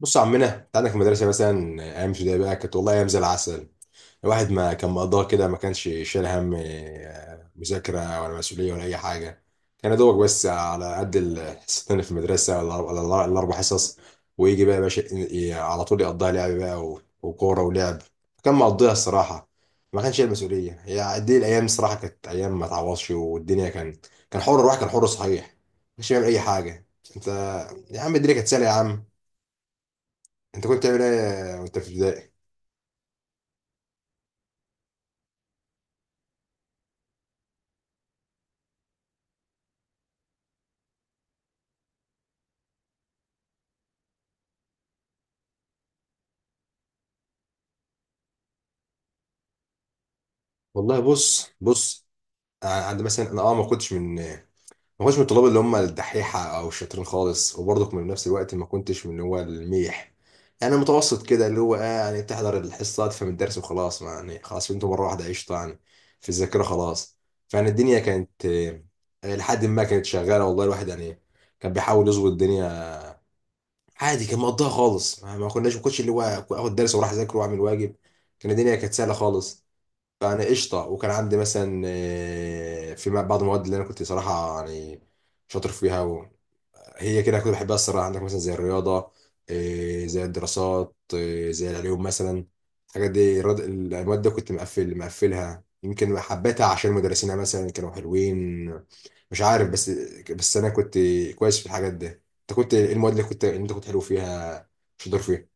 بص يا عمنا، انت عندك في المدرسه مثلا ايام ابتدائي بقى كانت والله ايام زي العسل. الواحد ما كان مقضاها كده، ما كانش شايل هم، مذاكره ولا مسؤوليه ولا اي حاجه. كان يا دوبك بس على قد الحصتين اللي في المدرسه ولا الاربع حصص. ويجي بقى يا باشا على طول يقضيها لعب بقى وكوره ولعب. كان مقضيها الصراحه، ما كانش شايل مسؤوليه. هي دي الايام الصراحه، كانت ايام ما تعوضش. والدنيا كان كان حر، الواحد كان حر صحيح، ما كانش بيعمل اي حاجه. انت يا عم الدنيا كانت سهله يا عم. انت كنت بتعمل ايه وانت في ابتدائي؟ والله بص، انا عند مثلا انا ما كنتش من، ما كنتش من الطلاب اللي هم الدحيحه او الشاطرين خالص، وبرضك من نفس الوقت ما كنتش من اللي هو الميح. يعني متوسط كده، اللي هو يعني بتحضر الحصه، تفهم الدرس وخلاص، ما يعني خلاص فهمته مره واحده، قشطه يعني، في الذاكره خلاص. فيعني الدنيا كانت، لحد ما كانت شغاله والله. الواحد يعني كان بيحاول يظبط الدنيا عادي، كان مقضيها خالص. ما كنتش اللي هو اخد درس واروح اذاكر واعمل واجب. كان الدنيا كانت سهله خالص يعني، قشطه. وكان عندي مثلا في بعض المواد اللي انا كنت صراحه يعني شاطر فيها هي كده كنت بحبها الصراحه. عندك مثلا زي الرياضه، زي الدراسات، زي العلوم مثلا. الحاجات دي المواد دي كنت مقفلها، يمكن حبيتها عشان مدرسينها مثلا كانوا حلوين، مش عارف. بس بس انا كنت كويس في الحاجات دي. انت كنت ايه المواد اللي كنت اللي انت كنت حلو فيها شاطر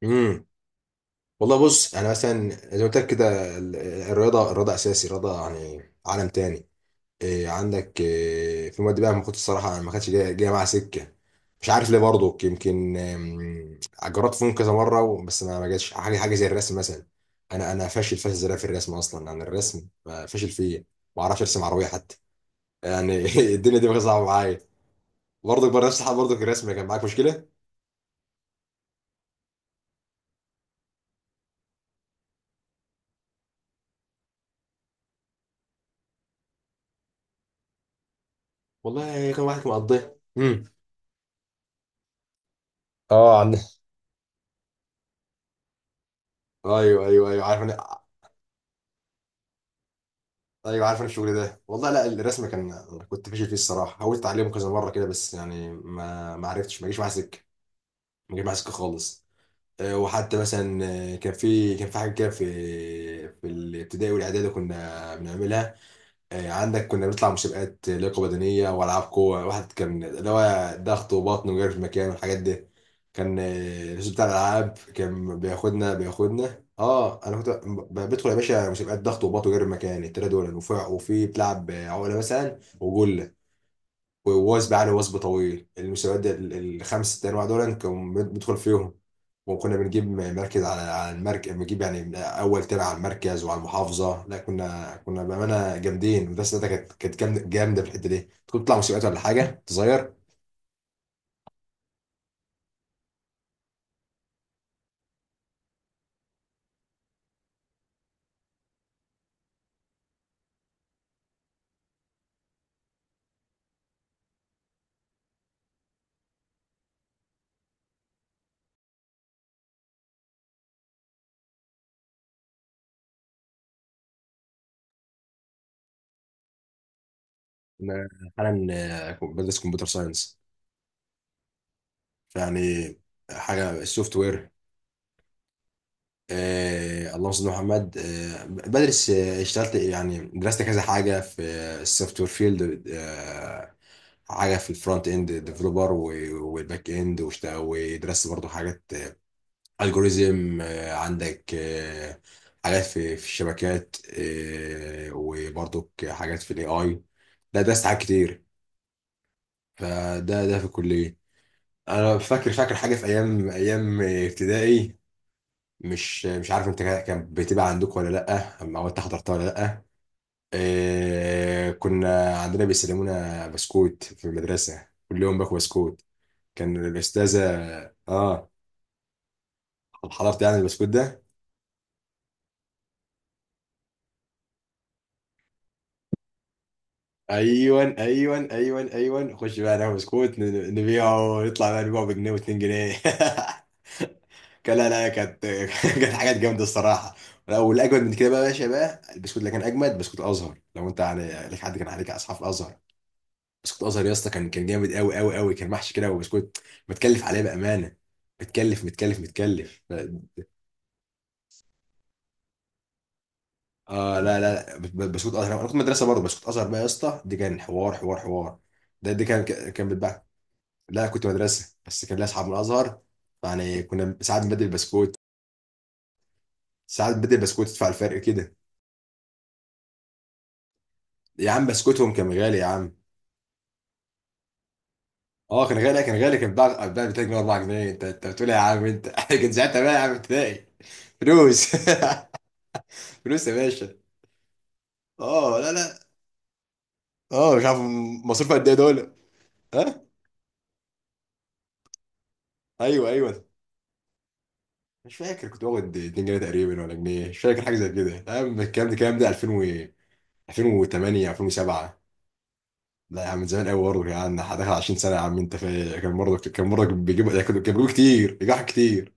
فيها؟ والله بص، انا مثلا زي ما قلت لك كده الرياضه. الرياضه اساسي، الرياضه يعني عالم تاني. إيه عندك إيه في مواد بقى، ما كنت الصراحه ما كانتش جايه معاها سكه. مش عارف ليه برضه، يمكن جربت فيهم كذا مره بس ما ما جاتش حاجه. حاجه زي الرسم مثلا، انا فاشل زيادة في الرسم اصلا. يعني الرسم ما فاشل فيه، ما اعرفش ارسم عربيه حتى يعني. الدنيا دي بقى صعبه معايا. برضك بقى نفس الحال، برضك الرسم كان معاك مشكله. والله كان واحد مقضيها. اه. عندنا ايوه، ايوه، ايوه، عارف انا. ايوه عارف أنا الشغل ده والله. لا، الرسم كان أنا كنت فاشل فيه الصراحه. حاولت اتعلمه كذا مره كده بس يعني ما ما عرفتش، ما جيش معاه سكه. ما جيش معاه سكه خالص. وحتى مثلا، كان في حاجه كده في في الابتدائي والاعدادي كنا بنعملها. عندك كنا بنطلع مسابقات لياقه بدنيه والعاب قوه واحد، كان اللي هو ضغط وبطن وجري في المكان والحاجات دي. كان الأستاذ بتاع الالعاب كان بياخدنا. اه انا كنت بدخل يا باشا مسابقات ضغط وبطن وجري في المكان، التلاته دول، وفي بتلعب عقله مثلا، وجول ووثب عليه، وثب طويل. المسابقات دي الخمس ست انواع دول كنا بندخل فيهم. وكنا بنجيب مركز، على المركز بنجيب يعني من اول تاني على المركز وعلى المحافظه. لا كنا، كنا بامانه جامدين. المدرسه بتاعتنا كانت، كانت جامده في الحته دي. كنت بتطلع مسابقات ولا حاجه صغير؟ انا حالا بدرس كمبيوتر ساينس. فيعني حاجه السوفت وير. آه، اللهم صل على محمد. بدرس، اشتغلت يعني، درست كذا حاجه في السوفت وير فيلد. حاجه في الفرونت اند ديفلوبر والباك اند، ودرست برضو حاجات الجوريزم. عندك حاجات في في الشبكات، وبرضو حاجات في الاي اي. لا درست حاجات كتير. فده ده في الكليه. انا فاكر، فاكر حاجه في ايام ايام ابتدائي. مش عارف انت كان بتبقى عندكم ولا لا، أما هو انت حضرتها ولا لا. إيه كنا عندنا بيسلمونا بسكوت في المدرسه، كل يوم باكل بسكوت. كان الاستاذه، اه، حضرت يعني البسكوت ده؟ ايوه، ايوه، ايوه، ايوه. نخش بقى ناكل بسكوت، نبيعه، نطلع بقى نبيعه بجنيه واتنين جنيه. كان لا لا كانت كانت حاجات جامده الصراحه. لا، والاجمد من كده بقى يا باشا، بقى البسكوت اللي كان اجمد بسكوت الازهر. لو انت يعني لك حد كان عليك اصحاب الازهر، بسكوت ازهر يا اسطى كان، كان جامد قوي قوي قوي. كان محشي كده، وبسكوت متكلف عليه بامانه. متكلف متكلف. اه لا لا لا، بسكوت ازهر. انا كنت مدرسه برضه، بسكوت ازهر بقى يا اسطى دي كان حوار، حوار. ده دي كان كان بيتباع. لا كنت مدرسه بس كان ليا اصحاب من الازهر، يعني كنا ساعات بنبدل بسكوت. ساعات بنبدل بسكوت تدفع الفرق كده. يا عم بسكوتهم كان غالي يا عم. اه كان غالي، كان غالي. كان بتاع بتاع 2 جنيه 4 جنيه. انت بتقول إيه يا عم انت. كان ساعتها بقى يا عم ابتدائي. فلوس. فلوس يا باشا. اه لا لا. اه مش عارف، مصروف قد ايه دول؟ ها؟ ايوه، ايوه، مش فاكر. كنت باخد 2 جنيه تقريبا ولا جنيه، مش فاكر. حاجه زي كده يا عم، الكلام ده الكلام ده 2000 و 2008، 2007. لا يا عم، من زمان قوي برضه يا عم، داخل 20 سنه يا عم انت فاهم. كان برضه، كان برضه بيجيبوا، كانوا بيجيبوا كتير، بيجيبوا كتير.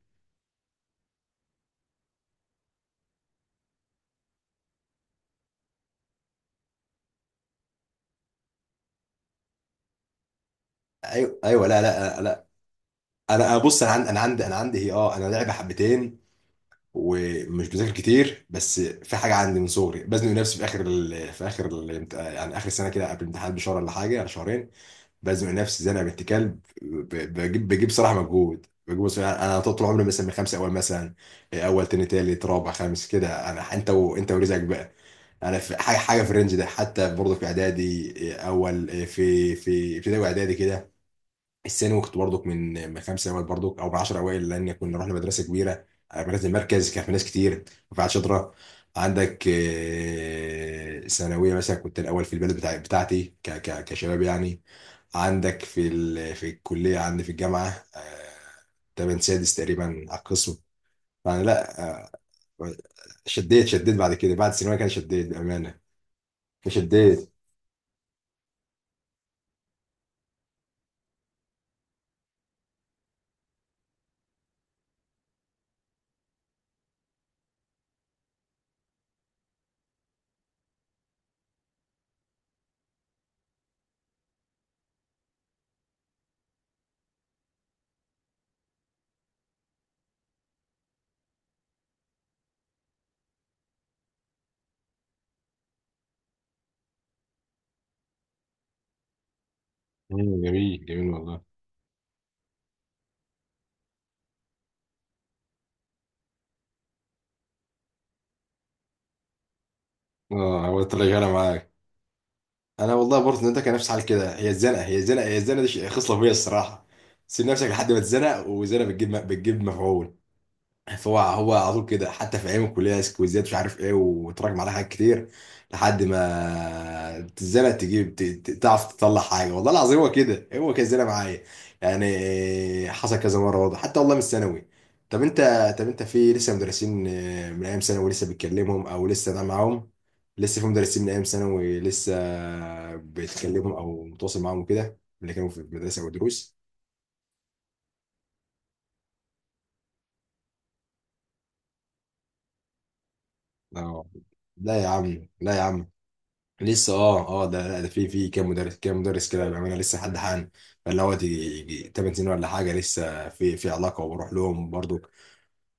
ايوه، ايوه. لا لا لا، أنا بص، انا عندي هي، اه انا لعبه حبتين ومش بذاكر كتير. بس في حاجه عندي من صغري، بزنق نفسي في يعني اخر سنه كده قبل الامتحان بشهر ولا حاجه، ولا شهرين. بزنق نفسي زنقه بنت كلب، بجيب صراحه مجهود، بجيب صراحة. انا طول عمري مثلا من خمسه اول مثلا، اول تاني تالت رابع خامس كده. انا انت ورزقك بقى. انا في حاجه في الرينج ده حتى برضه. في اعدادي اول في في ابتدائي واعدادي كده. الثانوي كنت برضك من خمسه اوائل برضك، او من 10 اوائل، لان كنا رحنا مدرسه كبيره، مدرسه المركز، كان في ناس كتير وفي شاطره. عندك ثانويه مثلا كنت الاول في البلد بتاع بتاعتي، ك ك كشباب يعني. عندك في ال في الكليه، عندي في الجامعه، آه، تمن سادس تقريبا على القسم. فانا لا، شديت بعد كده، بعد الثانويه كان شديت بامانه، فشديت. مم، جميل، جميل والله. اه هو طلع غلا معاك. انا والله برضه انت كان نفسي حال كده. هي الزنقه، هي الزنقه دي شيء- خصله فيا الصراحه. سيب نفسك لحد ما تزنق، والزنقه بتجيب مفعول. هو على طول كده، حتى في ايام الكليه سكويزات مش عارف ايه، وتراكم عليها حاجات كتير لحد ما تزنق تجيب، تعرف تطلع حاجه والله العظيم. هو كده زي معايا يعني. حصل كذا مره برضه حتى والله من الثانوي. طب انت طب انت في لسه مدرسين من ايام ثانوي لسه بتكلمهم، او لسه ده معاهم؟ لسه في مدرسين من ايام ثانوي لسه بتكلمهم او متواصل معاهم كده، اللي كانوا في المدرسه او دروس؟ اه لا يا عم، لا يا عم، لسه اه اه. ده ده في في كام مدرس، كام مدرس كده بيعملها لسه لحد حالا، فاللي هو تيجي 8 سنين ولا حاجه لسه في في علاقه، وبروح لهم برضو،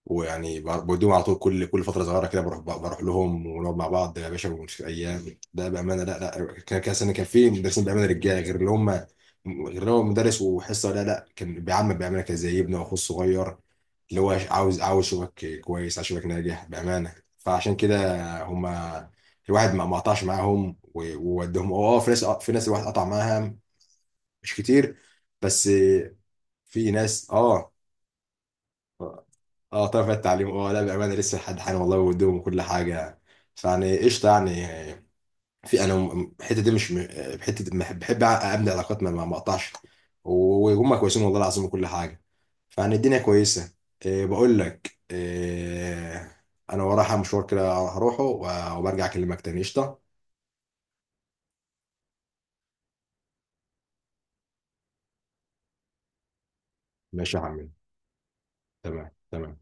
ويعني بوديهم على طول. كل كل فتره صغيره كده بروح لهم، ونقعد مع بعض يا باشا، ونشوف ايام ده بامانه. لا لا كان كان سنة كان في مدرسين بامانه رجاله، غير اللي هم غير اللي هو مدرس وحصه. لا لا، كان بيعمل بامانه كان زي ابنه واخوه الصغير، اللي هو عاوز، عاوز شبك كويس، عاوز شبك ناجح بامانه. فعشان كده هم الواحد ما ما قطعش معاهم وودهم. اه في ناس، في ناس الواحد قطع معاها، مش كتير بس في ناس. اه اه، طرف التعليم. اه لا بامانه لسه لحد حالا والله ودهم وكل حاجه، فيعني قشطه يعني. في انا الحته دي مش حته دي بحب، بحب ابني علاقات ما ما ما اقطعش، وهم كويسين والله العظيم وكل حاجه، فيعني الدنيا كويسه. إيه بقول لك إيه، انا ورايا مشوار كده هروحه وبرجع اكلمك تاني، قشطه. ماشي يا عمي. تمام، تمام.